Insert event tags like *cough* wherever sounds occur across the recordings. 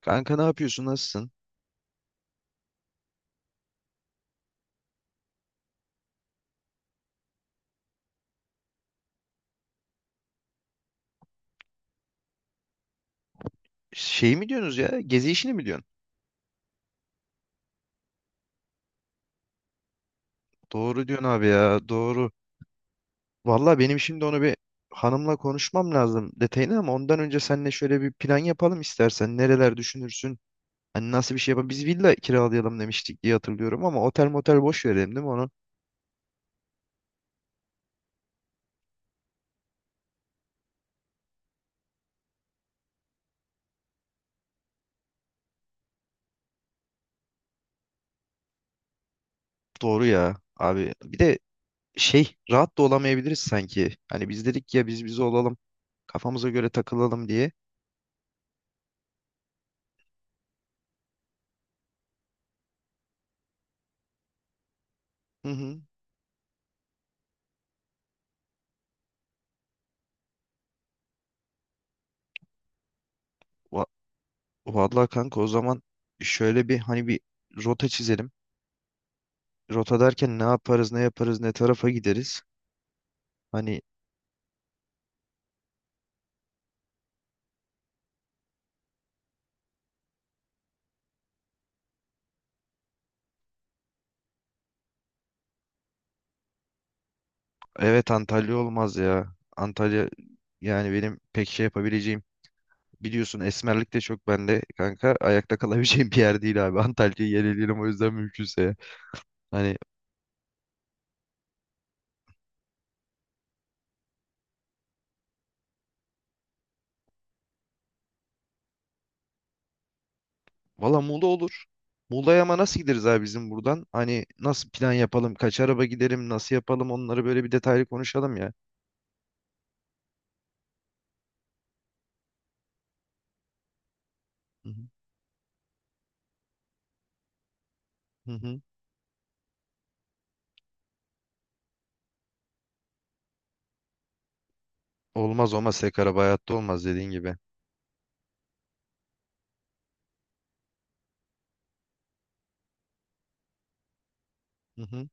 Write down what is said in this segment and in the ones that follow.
Kanka ne yapıyorsun? Nasılsın? Şey mi diyorsunuz ya? Gezi işini mi diyorsun? Doğru diyorsun abi ya. Doğru. Valla benim şimdi onu bir hanımla konuşmam lazım detayını, ama ondan önce seninle şöyle bir plan yapalım istersen. Nereler düşünürsün? Hani nasıl bir şey yapalım? Biz villa kiralayalım demiştik diye hatırlıyorum, ama otel motel boş verelim değil mi onu? Doğru ya abi. Bir de şey, rahat da olamayabiliriz sanki. Hani biz dedik ya, biz olalım. Kafamıza göre takılalım diye. Hı hı. Va- Vallahi kanka, o zaman şöyle bir hani bir rota çizelim. Rota derken ne yaparız, ne yaparız, ne tarafa gideriz? Hani evet, Antalya olmaz ya. Antalya yani benim pek şey yapabileceğim. Biliyorsun esmerlik de çok bende kanka. Ayakta kalabileceğim bir yer değil abi. *laughs* Antalya'yı yeleleyelim o yüzden mümkünse ya. Hani valla Muğla olur. Muğla'ya ama nasıl gideriz abi bizim buradan? Hani nasıl plan yapalım? Kaç araba gidelim? Nasıl yapalım? Onları böyle bir detaylı konuşalım ya. Hı hı. Hı hı. Olmaz, olmaz, tek araba hayatta olmaz dediğin gibi. Hı hı.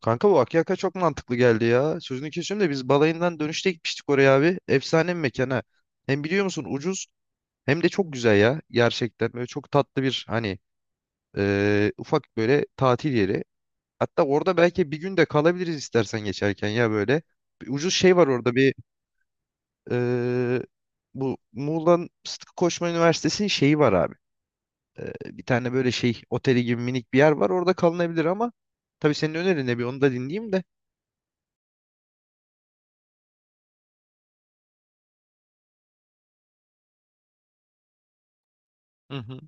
Kanka, bu Akyaka çok mantıklı geldi ya. Sözünü kesiyorum da, biz balayından dönüşte gitmiştik oraya abi. Efsane bir mekana. Hem biliyor musun ucuz hem de çok güzel ya. Gerçekten böyle çok tatlı bir hani ufak böyle tatil yeri. Hatta orada belki bir gün de kalabiliriz istersen, geçerken ya böyle. Bir ucuz şey var orada bir eee, bu Muğla'nın Sıtkı Koçman Üniversitesi'nin şeyi var abi. Bir tane böyle şey oteli gibi minik bir yer var, orada kalınabilir, ama tabii senin önerin ne, bir onu da dinleyeyim de. Hı hı.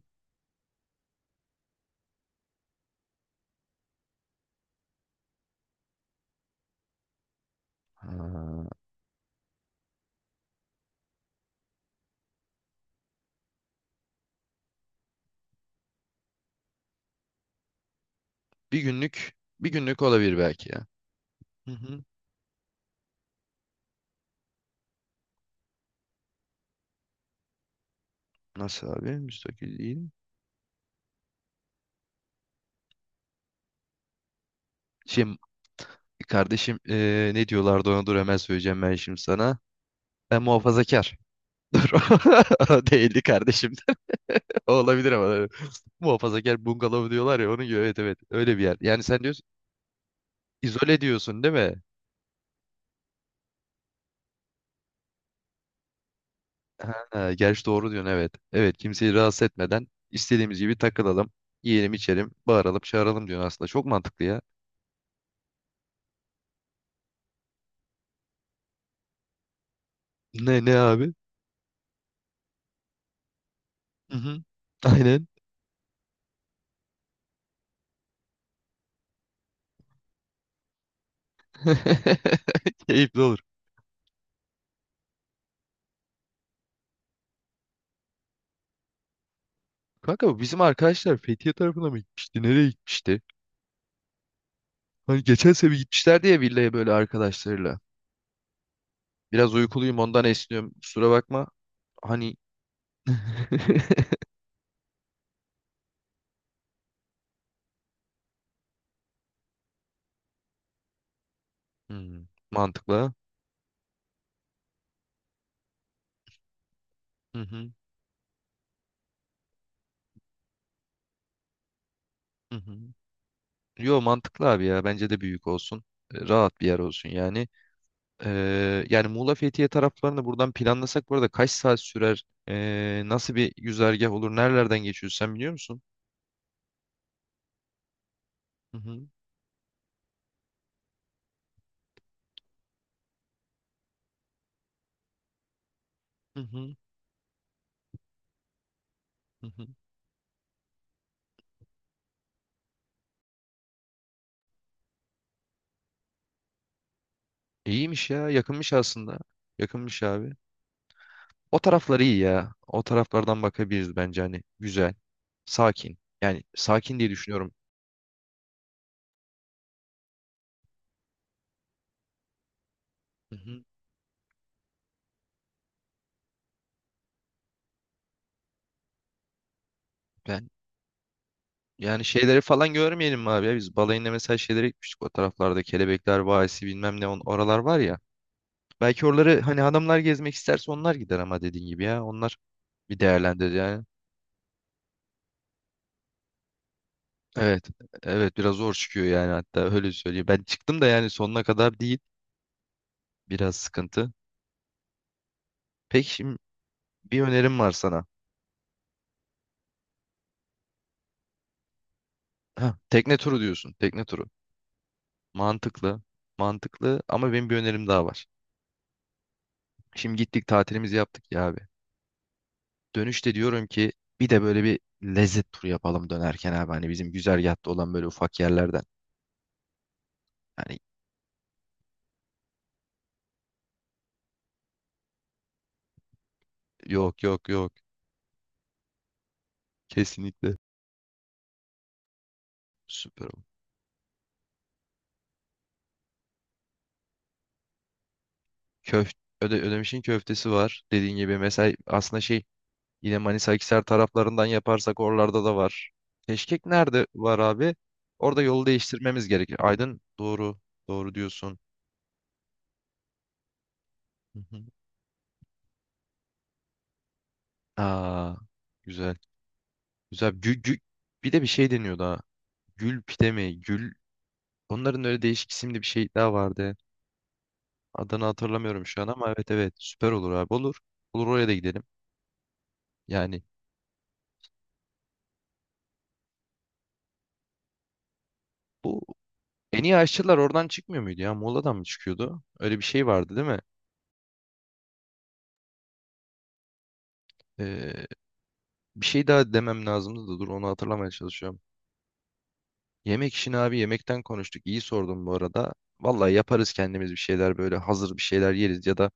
Ha. Bir günlük, bir günlük olabilir belki ya. Hı hı. Nasıl abi? Müstakil değil. Şimdi kardeşim, ne diyorlardı ona, dur hemen söyleyeceğim ben şimdi sana. Ben muhafazakar. *laughs* Dur. *laughs* Değildi kardeşim. *laughs* O olabilir ama. *laughs* Muhafazakar bungalov diyorlar ya, onun gibi. Evet, evet. Öyle bir yer. Yani sen diyorsun, izole diyorsun değil mi? Ha, gerçi doğru diyorsun, evet. Evet, kimseyi rahatsız etmeden istediğimiz gibi takılalım. Yiyelim içelim. Bağıralım çağıralım diyorsun aslında. Çok mantıklı ya. Ne ne abi? Hı hı. Aynen. *laughs* Keyifli olur. Kanka, bu bizim arkadaşlar Fethiye tarafına mı gitmişti? Nereye gitmişti? Hani geçen sene gitmişlerdi ya villaya, böyle arkadaşlarıyla. Biraz uykuluyum ondan esniyorum. Kusura bakma. Hani. *laughs* Hmm, mantıklı. Hı hı, hı hı. Yo, mantıklı abi ya. Bence de büyük olsun. Rahat bir yer olsun yani. Yani Muğla Fethiye taraflarını buradan planlasak bu arada kaç saat sürer? Nasıl bir güzergah olur? Nerelerden geçiyoruz, sen biliyor musun? Hı hı, hı hı, hı hı. İyiymiş ya. Yakınmış aslında. Yakınmış abi. O taraflar iyi ya. O taraflardan bakabiliriz bence hani. Güzel. Sakin. Yani sakin diye düşünüyorum. Hı hı. Ben yani şeyleri falan görmeyelim mi abi ya? Biz balayında mesela şeylere gitmiştik o taraflarda. Kelebekler Vadisi bilmem ne on, oralar var ya. Belki oraları, hani adamlar gezmek isterse onlar gider, ama dediğin gibi ya. Onlar bir değerlendir yani. Evet. Evet, biraz zor çıkıyor yani, hatta öyle söyleyeyim. Ben çıktım da yani, sonuna kadar değil. Biraz sıkıntı. Peki şimdi bir önerim var sana. Ha, tekne turu diyorsun. Tekne turu. Mantıklı. Mantıklı, ama benim bir önerim daha var. Şimdi gittik tatilimizi yaptık ya abi. Dönüşte diyorum ki, bir de böyle bir lezzet turu yapalım dönerken abi. Hani bizim güzergahta olan böyle ufak yerlerden. Hani yok, yok, yok. Kesinlikle. Süper olur. Köf Öde Ödemiş'in köftesi var. Dediğin gibi mesela, aslında şey, yine Manisa Akhisar taraflarından yaparsak oralarda da var. Keşkek nerede var abi? Orada yolu değiştirmemiz gerekir. Aydın, doğru. Doğru diyorsun. *laughs* Aa, güzel. Güzel. Bir de bir şey deniyordu ha. Gül pide mi? Gül. Onların öyle değişik isimli bir şey daha vardı. Adını hatırlamıyorum şu an, ama evet, evet. Süper olur abi. Olur. Olur, oraya da gidelim. Yani bu en iyi aşçılar oradan çıkmıyor muydu ya? Muğla'dan mı çıkıyordu? Öyle bir şey vardı değil mi? Ee, bir şey daha demem lazımdı da, dur onu hatırlamaya çalışıyorum. Yemek işini abi, yemekten konuştuk. İyi sordum bu arada. Vallahi yaparız kendimiz bir şeyler, böyle hazır bir şeyler yeriz ya da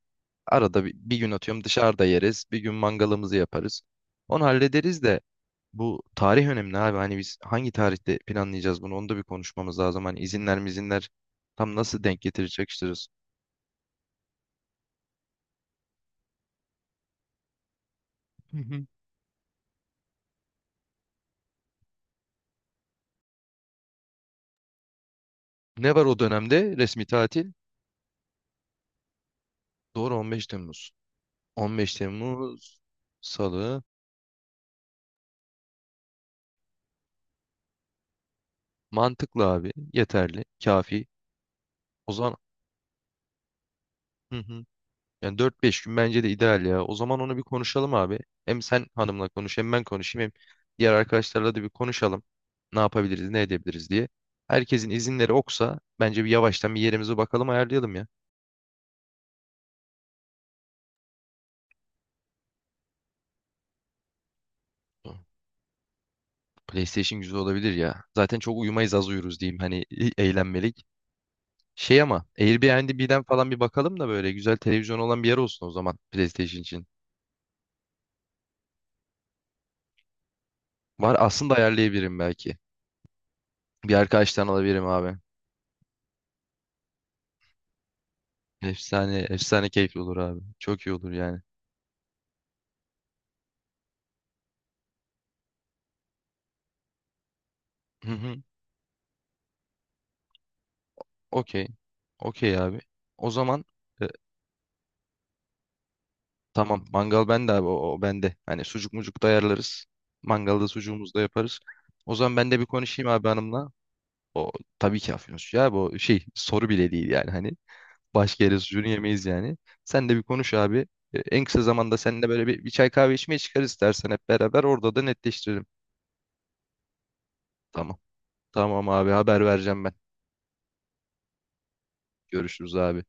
arada bir gün atıyorum dışarıda yeriz. Bir gün mangalımızı yaparız. Onu hallederiz de, bu tarih önemli abi. Hani biz hangi tarihte planlayacağız bunu, onu da bir konuşmamız lazım. Hani izinler mizinler tam nasıl denk getirecektiririz. Hı hı. Ne var o dönemde resmi tatil? Doğru, 15 Temmuz. 15 Temmuz Salı. Mantıklı abi. Yeterli. Kafi. O zaman hı hı. Yani dört beş gün bence de ideal ya. O zaman onu bir konuşalım abi. Hem sen hanımla konuş, hem ben konuşayım, hem diğer arkadaşlarla da bir konuşalım. Ne yapabiliriz, ne edebiliriz diye. Herkesin izinleri oksa, bence bir yavaştan bir yerimize bakalım, ayarlayalım ya. PlayStation güzel olabilir ya. Zaten çok uyumayız, az uyuruz diyeyim hani, eğlenmelik. Şey, ama Airbnb'den falan bir bakalım da böyle güzel televizyon olan bir yer olsun o zaman, PlayStation için. Var aslında, ayarlayabilirim belki. Bir arkadaştan alabilirim abi. Efsane, efsane keyifli olur abi. Çok iyi olur yani. Hı hı. Okey. Okey abi. O zaman e, tamam, mangal bende abi, o bende. Hani sucuk mucuk da ayarlarız. Mangalda sucuğumuzu da yaparız. O zaman ben de bir konuşayım abi hanımla. O tabii ki afyon sucuğu abi, o şey, soru bile değil yani hani. Başka yere sucuğunu yemeyiz yani. Sen de bir konuş abi. En kısa zamanda seninle böyle bir çay kahve içmeye çıkarız istersen hep beraber. Orada da netleştirelim. Tamam. Tamam abi, haber vereceğim ben. Görüşürüz abi.